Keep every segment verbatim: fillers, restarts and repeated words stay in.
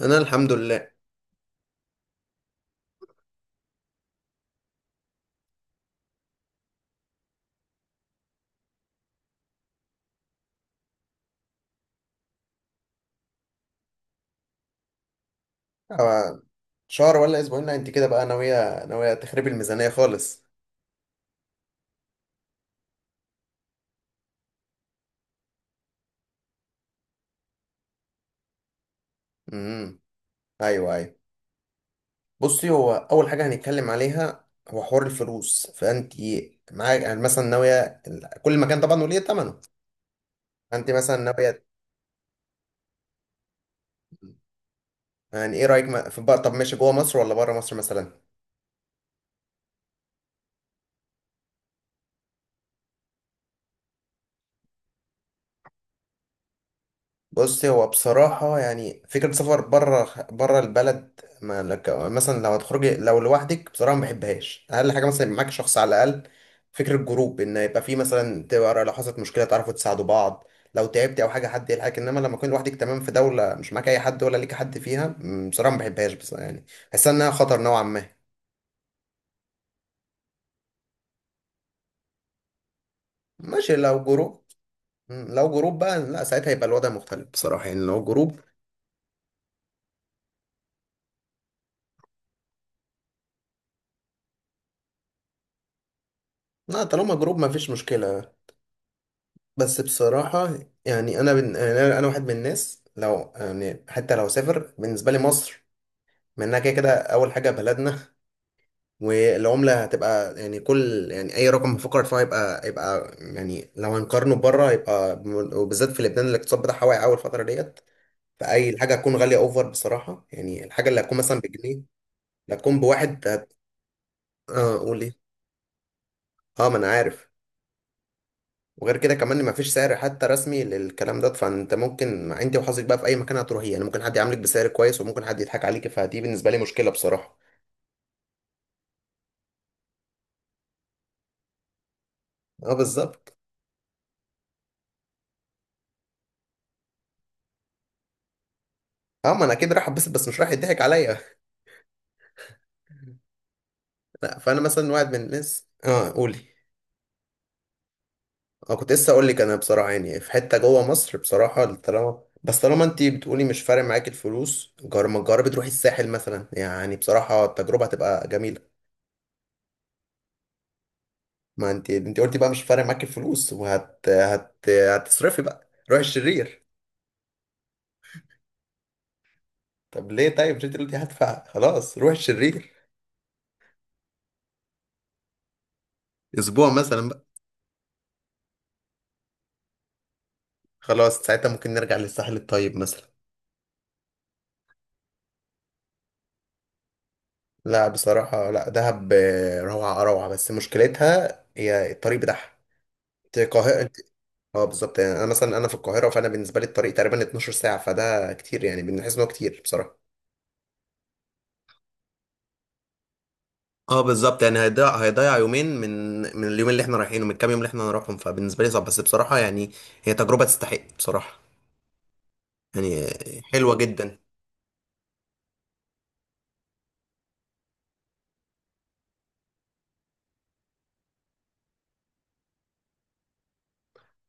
انا الحمد لله. آه، شهر ولا اسبوعين؟ لا، انت كده بقى ناويه ناويه تخربي الميزانيه خالص. امم. ايوه ايوه. بصي، هو اول حاجه هنتكلم عليها هو حوار الفلوس. فانت معاك يعني مثلا ناويه ال- كل مكان طبعا وليه ثمنه. انت مثلا ناويه. يعني ايه رايك، ما- في بقى، طب ماشي جوه مصر ولا بره مصر مثلا؟ بص، هو بصراحة يعني فكرة سفر بره بره البلد، ما لك مثلا لو هتخرجي لو لوحدك بصراحة ما بحبهاش. أقل حاجة مثلا يبقى معاك شخص على الأقل. فكرة جروب، إن يبقى في مثلا تبقى، لو حصلت مشكلة تعرفوا تساعدوا بعض، لو تعبتي أو حاجة حد يلحقك. إنما لما تكون لوحدك تمام في دولة مش معاك أي حد ولا ليك حد فيها، م، بصراحة ما بحبهاش. بس يعني بحس إنها خطر نوعا ما. ماشي لو جروب. م، لو جروب بقى، لا ساعتها يبقى الوضع مختلف بصراحة، يعني لو جروب. لا طالما جروب ما فيش مشكلة. بس بصراحة يعني أنا بن... يعني أنا أنا واحد من الناس، لو يعني حتى لو سافر بالنسبة لي مصر منها كده كده أول حاجة بلدنا. والعملة هتبقى يعني كل، يعني أي رقم بفكر فيه هيبقى هيبقى يعني لو هنقارنه بره هيبقى بم- وبالذات في لبنان، الاقتصاد بتاعها واقع أول فترة ديت. فأي الحاجة هتكون غالية أوفر بصراحة، يعني الحاجة اللي هتكون مثلا بجنيه، اللي هتكون بواحد هت... آه قول إيه. أه ما أنا عارف. وغير كده كمان ما فيش سعر حتى رسمي للكلام ده، فانت ممكن انت وحظك بقى في اي مكان هتروحيه، يعني ممكن حد يعاملك بسعر كويس وممكن حد يضحك عليك. فدي بالنسبه لي مشكله بصراحه. اه بالظبط. اه ما انا اكيد راح اتبسط بس مش راح يضحك عليا. لا فانا مثلا واحد من الناس. اه قولي. اه كنت لسه اقول لك. انا بصراحه يعني في حته جوه مصر بصراحه، طالما بس طالما انت بتقولي مش فارق معاك الفلوس، جر ما تجربي تروحي الساحل مثلا، يعني بصراحه التجربه هتبقى جميله. ما انت انت قلتي بقى مش فارق معاك الفلوس وهت هت... هتصرفي بقى، روحي الشرير. طب ليه؟ طيب مش انت دلوقتي هدفع خلاص، روح الشرير. اسبوع مثلا بقى. خلاص ساعتها ممكن نرجع للساحل الطيب مثلا. لا بصراحة، لا دهب آه، روعة روعة، بس مشكلتها هي الطريق بتاعها. انت القاهرة انت. اه بالظبط، يعني انا مثلا انا في القاهرة، فانا بالنسبة لي الطريق تقريبا اتناشر ساعة، فده كتير، يعني بنحس ان هو كتير بصراحة. اه بالظبط، يعني هيضيع هيضيع يومين من، من اليومين اللي احنا رايحينه، من الكام يوم اللي احنا هنروحهم، فبالنسبة لي صعب. بس بصراحة يعني هي تجربة تستحق بصراحة، يعني حلوة جدا.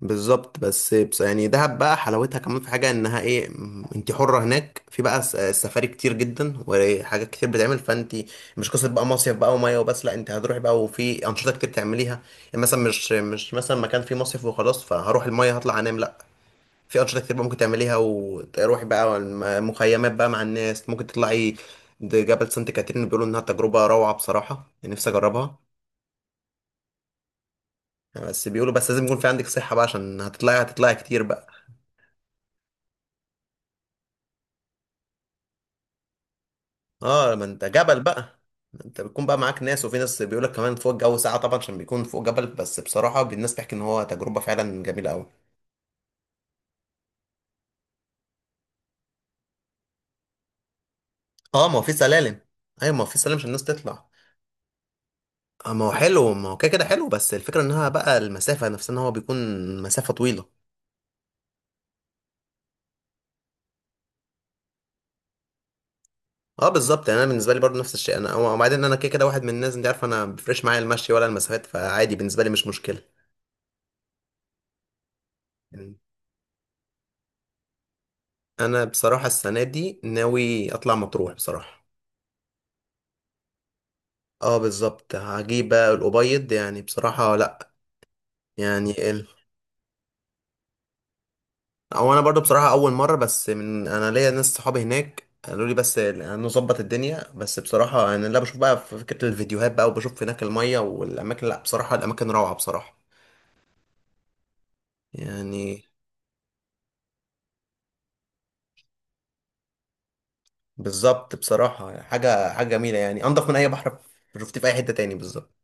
بالظبط. بس بس يعني دهب بقى حلاوتها كمان في حاجة انها ايه، م- انت حرة هناك، في بقى س- السفاري كتير جدا وحاجات كتير بتعمل. فانت مش قصة بقى مصيف بقى ومية وبس، لا انت هتروحي بقى وفي انشطة كتير تعمليها. يعني مثلا مش مش مثلا مكان فيه مصيف وخلاص فهروح المية هطلع انام، لا. في انشطة كتير بقى ممكن تعمليها، وتروحي بقى الم- مخيمات بقى مع الناس ممكن تطلعي. ده جبل سانت كاترين بيقولوا انها تجربة روعة بصراحة. يعني نفسي اجربها. بس بيقولوا بس لازم يكون في عندك صحة بقى، عشان هتطلعي هتطلعي كتير بقى. اه ما انت جبل بقى. ما انت بتكون بقى معاك ناس، وفي ناس بيقول لك كمان فوق الجو ساعة طبعا عشان بيكون فوق جبل، بس بصراحة الناس بتحكي ان هو تجربة فعلا جميلة قوي. اه ما هو في سلالم. ايوه ما هو في سلالم عشان الناس تطلع. اه ما هو حلو، ما هو كده كده حلو. بس الفكرة انها بقى المسافة نفسها ان هو بيكون مسافة طويلة. اه بالظبط، يعني انا بالنسبة لي برضو نفس الشيء. انا وبعدين انا كده كده واحد من الناس، انت عارف انا ما بيفرقش معايا المشي ولا المسافات، فعادي بالنسبة لي مش مشكلة. يعني انا بصراحة السنة دي ناوي اطلع مطروح بصراحة. اه بالظبط، هجيب بقى الأبيض يعني بصراحة، لأ. يعني ال... أو أنا برضو بصراحة أول مرة، بس من، أنا ليا ناس صحابي هناك قالوا لي بس نظبط الدنيا. بس بصراحة أنا اللي بشوف بقى في فكرة الفيديوهات بقى، وبشوف هناك المية والأماكن، لأ بصراحة الأماكن روعة بصراحة. يعني. بالظبط بصراحة، حاجة حاجة جميلة يعني، أنضف من أي بحر شفتيه في أي حتة تاني. بالظبط.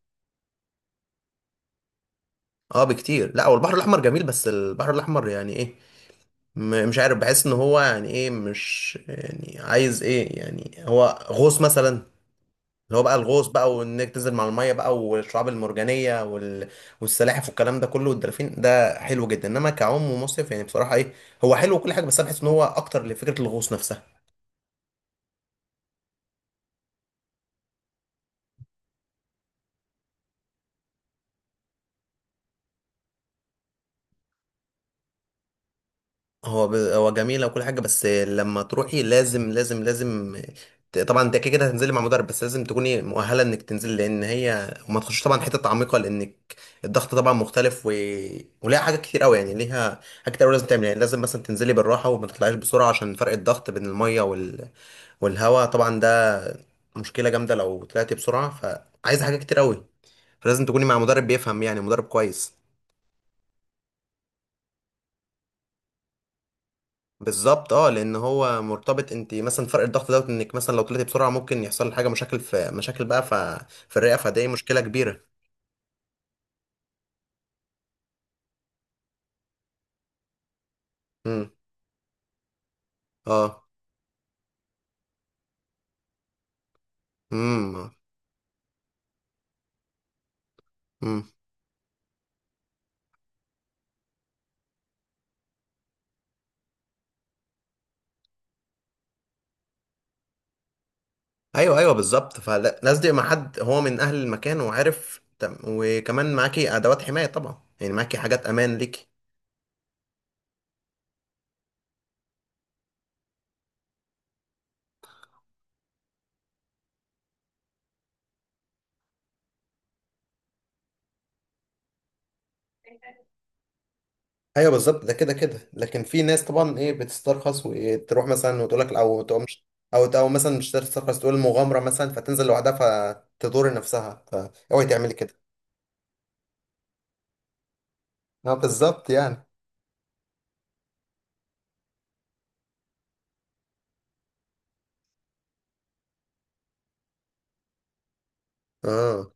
اه بكتير. لأ والبحر الأحمر جميل بس البحر الأحمر يعني إيه، م- مش عارف. بحس ان هو يعني ايه، مش يعني عايز ايه، يعني هو غوص مثلا، اللي هو بقى الغوص بقى، وانك تنزل مع الميه بقى، والشعاب المرجانيه وال... والسلاحف والكلام ده كله والدلافين، ده حلو جدا. انما كعوم ومصيف يعني بصراحه ايه، هو حلو وكل حاجه، بس انا بحس ان هو اكتر لفكره الغوص نفسها. هو ب... هو جميل وكل حاجه، بس لما تروحي لازم لازم لازم، ت- طبعا انت كده كده هتنزلي مع مدرب، بس لازم تكوني مؤهله انك تنزلي، لان هي وما تخش طبعا حته عميقه، لانك الضغط طبعا مختلف و... وليها حاجات كتير قوي. يعني ليها حاجات كتير قوي لازم تعملها، يعني لازم مثلا تنزلي بالراحه وما تطلعيش بسرعه عشان فرق الضغط بين الميه وال... والهواء طبعا، ده مشكله جامده لو طلعتي بسرعه، فعايزه حاجات كتير قوي، فلازم تكوني مع مدرب بيفهم، يعني مدرب كويس. بالظبط. اه لان هو مرتبط، انت مثلا فرق الضغط دوت، انك مثلا لو طلعتي بسرعه ممكن يحصل حاجه، مشاكل في مشاكل بقى، ف... في الرئه، فدي مشكله كبيره. امم. اه. امم. امم. ايوه ايوه، بالظبط فلازم يبقى مع حد هو من اهل المكان وعارف، تم- وكمان معاكي ادوات حمايه طبعا، يعني معاكي حاجات امان ليكي. ايوه بالظبط، ده كده كده. لكن في ناس طبعا ايه بتسترخص وتروح مثلا وتقول لك او تقوم مش، او او مثلا مش تسترخص تقول مغامره مثلا، فتنزل لوحدها فتضر نفسها. فاوعي تعملي كده. اه بالظبط يعني. اه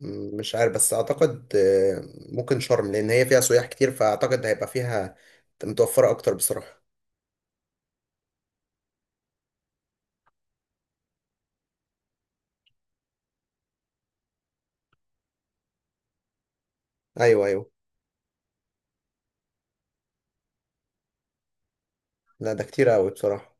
م- مش عارف بس اعتقد، آه، ممكن شرم لان هي فيها سياح كتير، فاعتقد هيبقى فيها متوفرة اكتر بصراحة. ايوه ايوه. لا ده كتير قوي بصراحة.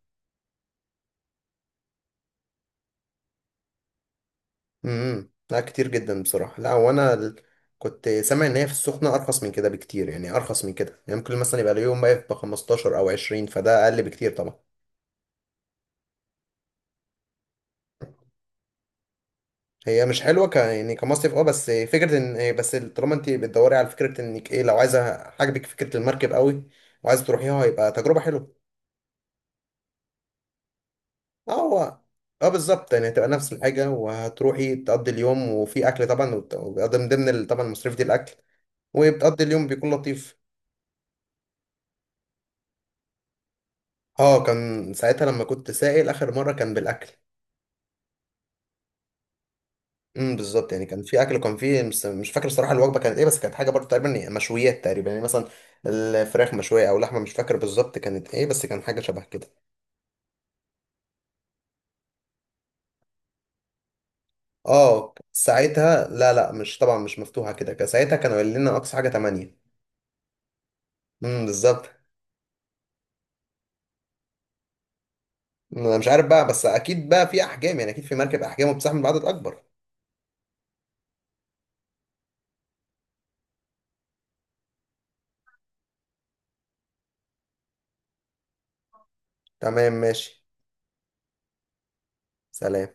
امم، لا كتير جدا بصراحة، لا وانا ال... كنت سامع ان هي في السخنة ارخص من كده بكتير، يعني ارخص من كده، يعني ممكن مثلا يبقى اليوم واقف ب خمستاشر او عشرين، فده اقل بكتير طبعا. هي مش حلوه ك يعني كمصيف، اه بس فكره، ان بس طالما انت بتدوري على فكره انك ايه، لو عايزه عاجبك فكره المركب قوي وعايزه تروحيها، هيبقى تجربه حلوه. اه هو. اه بالظبط، يعني هتبقى نفس الحاجة، وهتروحي تقضي اليوم وفي أكل طبعا، وت- وبيبقى من ضمن ال- طبعا المصاريف دي الأكل، وبتقضي اليوم بيكون لطيف. اه كان ساعتها لما كنت سائل آخر مرة كان بالأكل. امم بالظبط، يعني كان في أكل وكان في، مش مش فاكر الصراحة الوجبة كانت إيه، بس كانت حاجة برضه تقريبا، يعني مشويات تقريبا يعني مثلا الفراخ مشوية أو لحمة، مش فاكر بالظبط كانت إيه، بس كان حاجة شبه كده. اه ساعتها لا، لا مش طبعا مش مفتوحة كده، كان ساعتها كانوا قايلين لنا أقصى حاجة تمانية. امم بالظبط. انا مش عارف بقى، بس اكيد بقى في احجام، يعني اكيد في مركب احجام وبتستحمل بعدد اكبر. تمام ماشي. سلام.